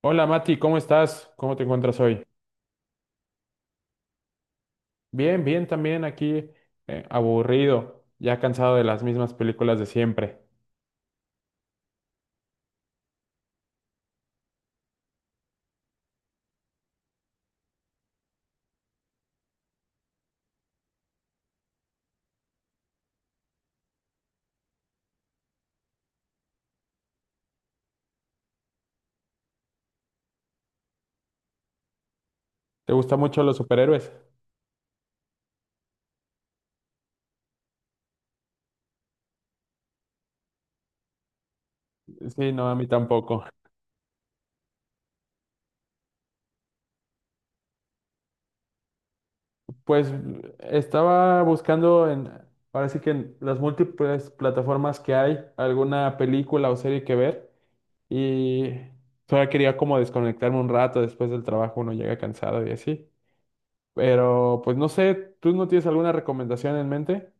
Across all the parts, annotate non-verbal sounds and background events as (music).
Hola Mati, ¿cómo estás? ¿Cómo te encuentras hoy? Bien, bien también aquí, aburrido, ya cansado de las mismas películas de siempre. ¿Te gustan mucho los superhéroes? Sí, no, a mí tampoco. Pues estaba buscando, ahora sí que en las múltiples plataformas que hay, alguna película o serie que ver y solo quería como desconectarme un rato después del trabajo, uno llega cansado y así. Pero pues no sé, ¿tú no tienes alguna recomendación en mente?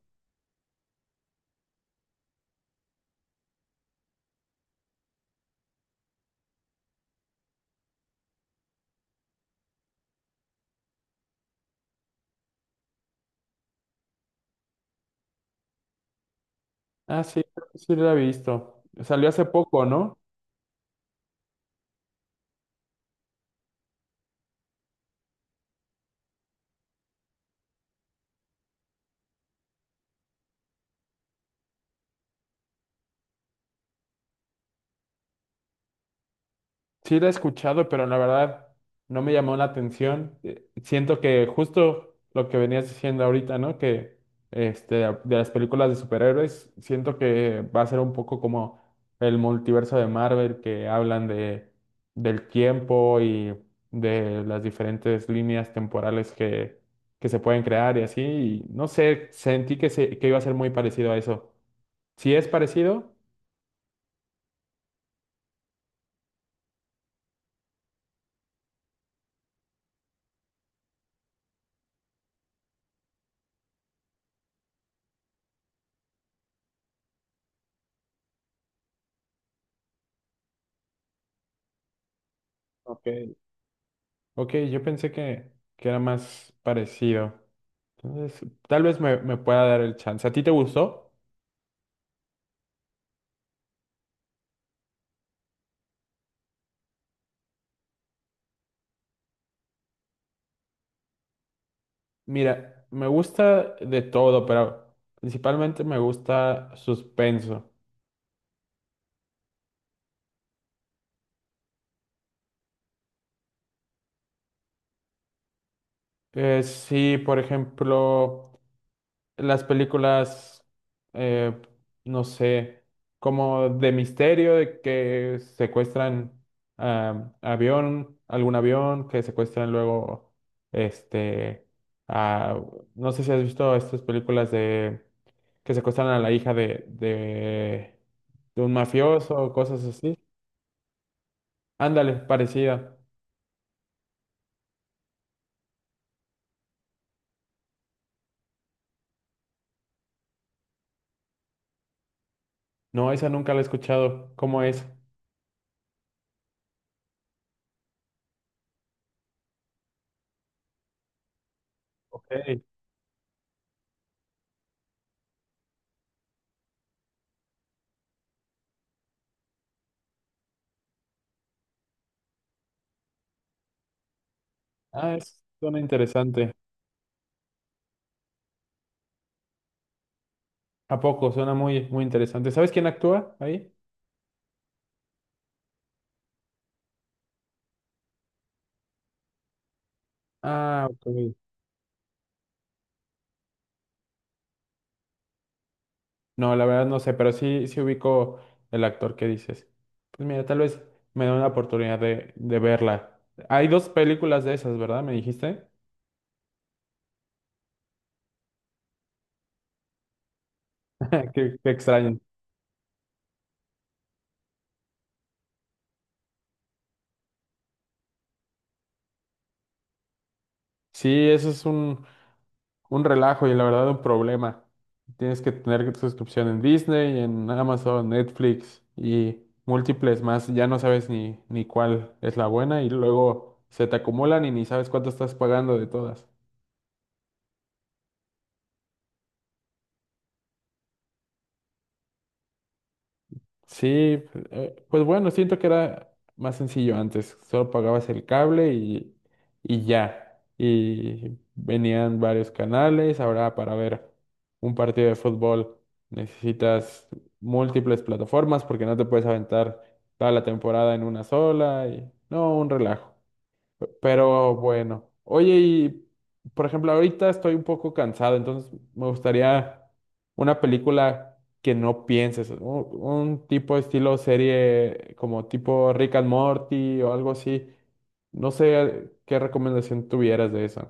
Ah, sí, creo que sí la he visto. Salió hace poco, ¿no? Sí la he escuchado, pero la verdad no me llamó la atención. Siento que justo lo que venías diciendo ahorita, ¿no? Que este, de las películas de superhéroes, siento que va a ser un poco como el multiverso de Marvel, que hablan del tiempo y de las diferentes líneas temporales que se pueden crear y así. Y no sé, sentí que iba a ser muy parecido a eso. Si es parecido... Ok. Ok, yo pensé que era más parecido. Entonces, tal vez me pueda dar el chance. ¿A ti te gustó? Mira, me gusta de todo, pero principalmente me gusta suspenso. Sí, por ejemplo. Las películas, eh, no sé, como de misterio, de que secuestran algún avión, que secuestran luego, este, a- no sé si has visto estas películas de que secuestran a la hija de un mafioso o cosas así. Ándale, parecida. No, esa nunca la he escuchado. ¿Cómo es? Ok. Ah, es, suena interesante. ¿A poco? Suena muy, muy interesante. ¿Sabes quién actúa ahí? Ah, ok. No, la verdad no sé, pero sí, sí ubico el actor que dices. Pues mira, tal vez me da una oportunidad de verla. Hay dos películas de esas, ¿verdad? Me dijiste. (laughs) Qué, qué extraño. Sí, eso es un relajo y la verdad un problema. Tienes que tener suscripción en Disney, en Amazon, Netflix y múltiples más. Ya no sabes ni, ni cuál es la buena y luego se te acumulan y ni sabes cuánto estás pagando de todas. Sí, pues pues bueno, siento que era más sencillo antes. Solo pagabas el cable y ya. Y venían varios canales. Ahora para ver un partido de fútbol necesitas múltiples plataformas porque no te puedes aventar toda la temporada en una sola. Y no, un relajo. Pero bueno, oye, y por ejemplo, ahorita estoy un poco cansado, entonces me gustaría una película que no pienses, un tipo de estilo serie como tipo Rick and Morty o algo así. No sé qué recomendación tuvieras de eso.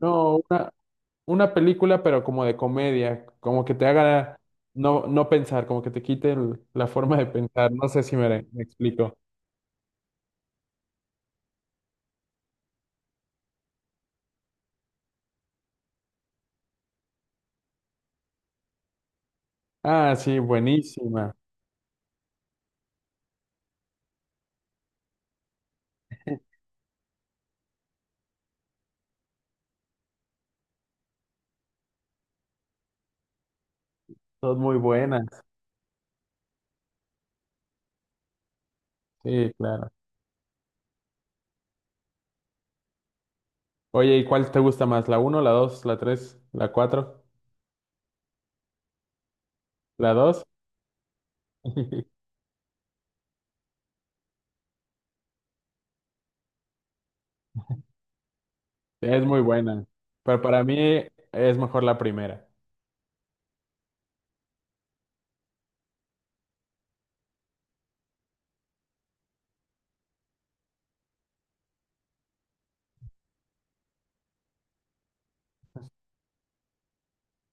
No, una película, pero como de comedia, como que te haga no, no pensar, como que te quite la forma de pensar. No sé si me explico. Ah, sí, buenísima, son muy buenas. Sí, claro. Oye, ¿y cuál te gusta más? ¿La uno, la 2, la 3, la 4, la dos? (laughs) Es muy buena, pero para mí es mejor la primera.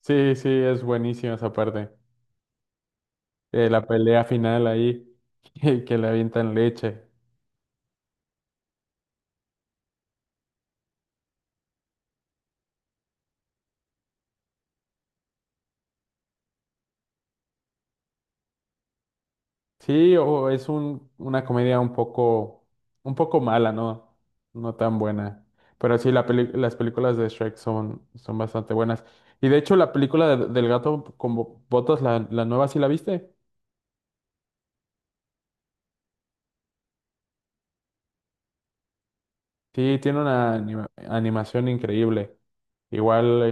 Sí, sí, es buenísima esa parte. La pelea final ahí, (laughs) que le avientan leche. Sí, o es una comedia un poco mala, ¿no? No tan buena. Pero sí, las películas de Shrek son, son bastante buenas. Y de hecho, la película del gato con botas, la nueva, ¿sí la viste? Sí, tiene una animación increíble. Igual,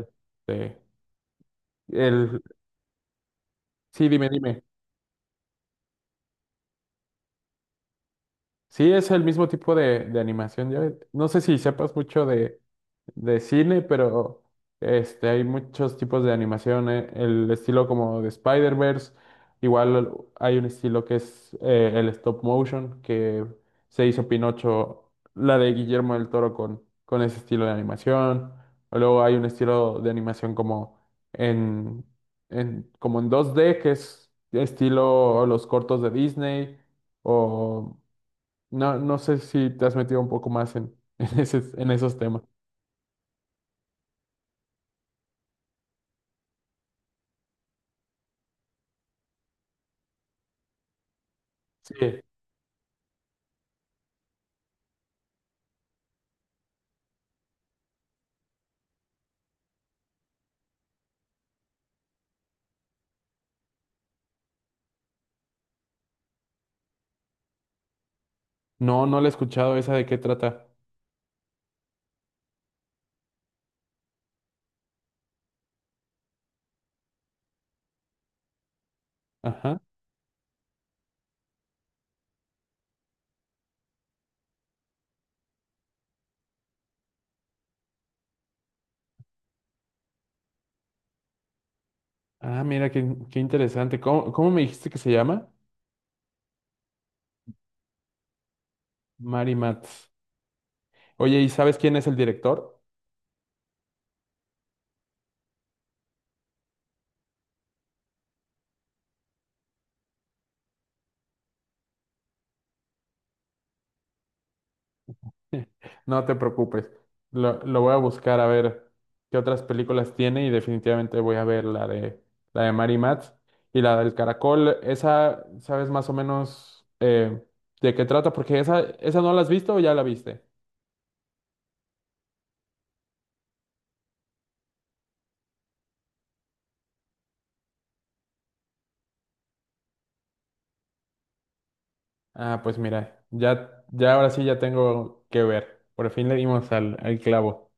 este, el, sí, dime, dime. Sí, es el mismo tipo de animación. Ya- no sé si sepas mucho de cine, pero este, hay muchos tipos de animación. El estilo como de Spider-Verse, igual hay un estilo que es el stop motion, que se hizo Pinocho, la de Guillermo del Toro con ese estilo de animación. O luego hay un estilo de animación como en, como en 2D, que es estilo los cortos de Disney, o no, no sé si te has metido un poco más en, (laughs) en esos temas. Sí. No, no la he escuchado. ¿Esa de qué trata? Ajá. Ah, mira, qué, qué interesante. ¿Cómo, cómo me dijiste que se llama? Mary Mats. Oye, ¿y sabes quién es el director? (laughs) No te preocupes. Lo voy a buscar a ver qué otras películas tiene y definitivamente voy a ver la de Mary Matz y la del Caracol. Esa, ¿sabes más o menos de qué trata? Porque esa no la has visto o ya la viste. Ah, pues mira, ya, ya ahora sí ya tengo que ver. Por fin le dimos al clavo.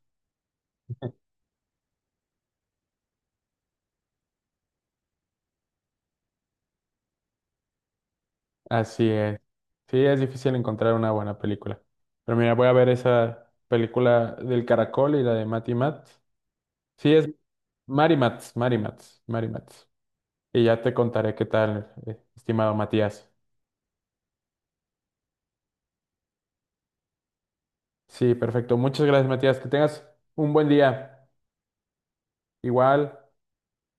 Así es. Sí, es difícil encontrar una buena película. Pero mira, voy a ver esa película del Caracol y la de Matty Matt. Sí, es Marimats, Marimats, Marimats. Y ya te contaré qué tal, estimado Matías. Sí, perfecto. Muchas gracias, Matías. Que tengas un buen día. Igual.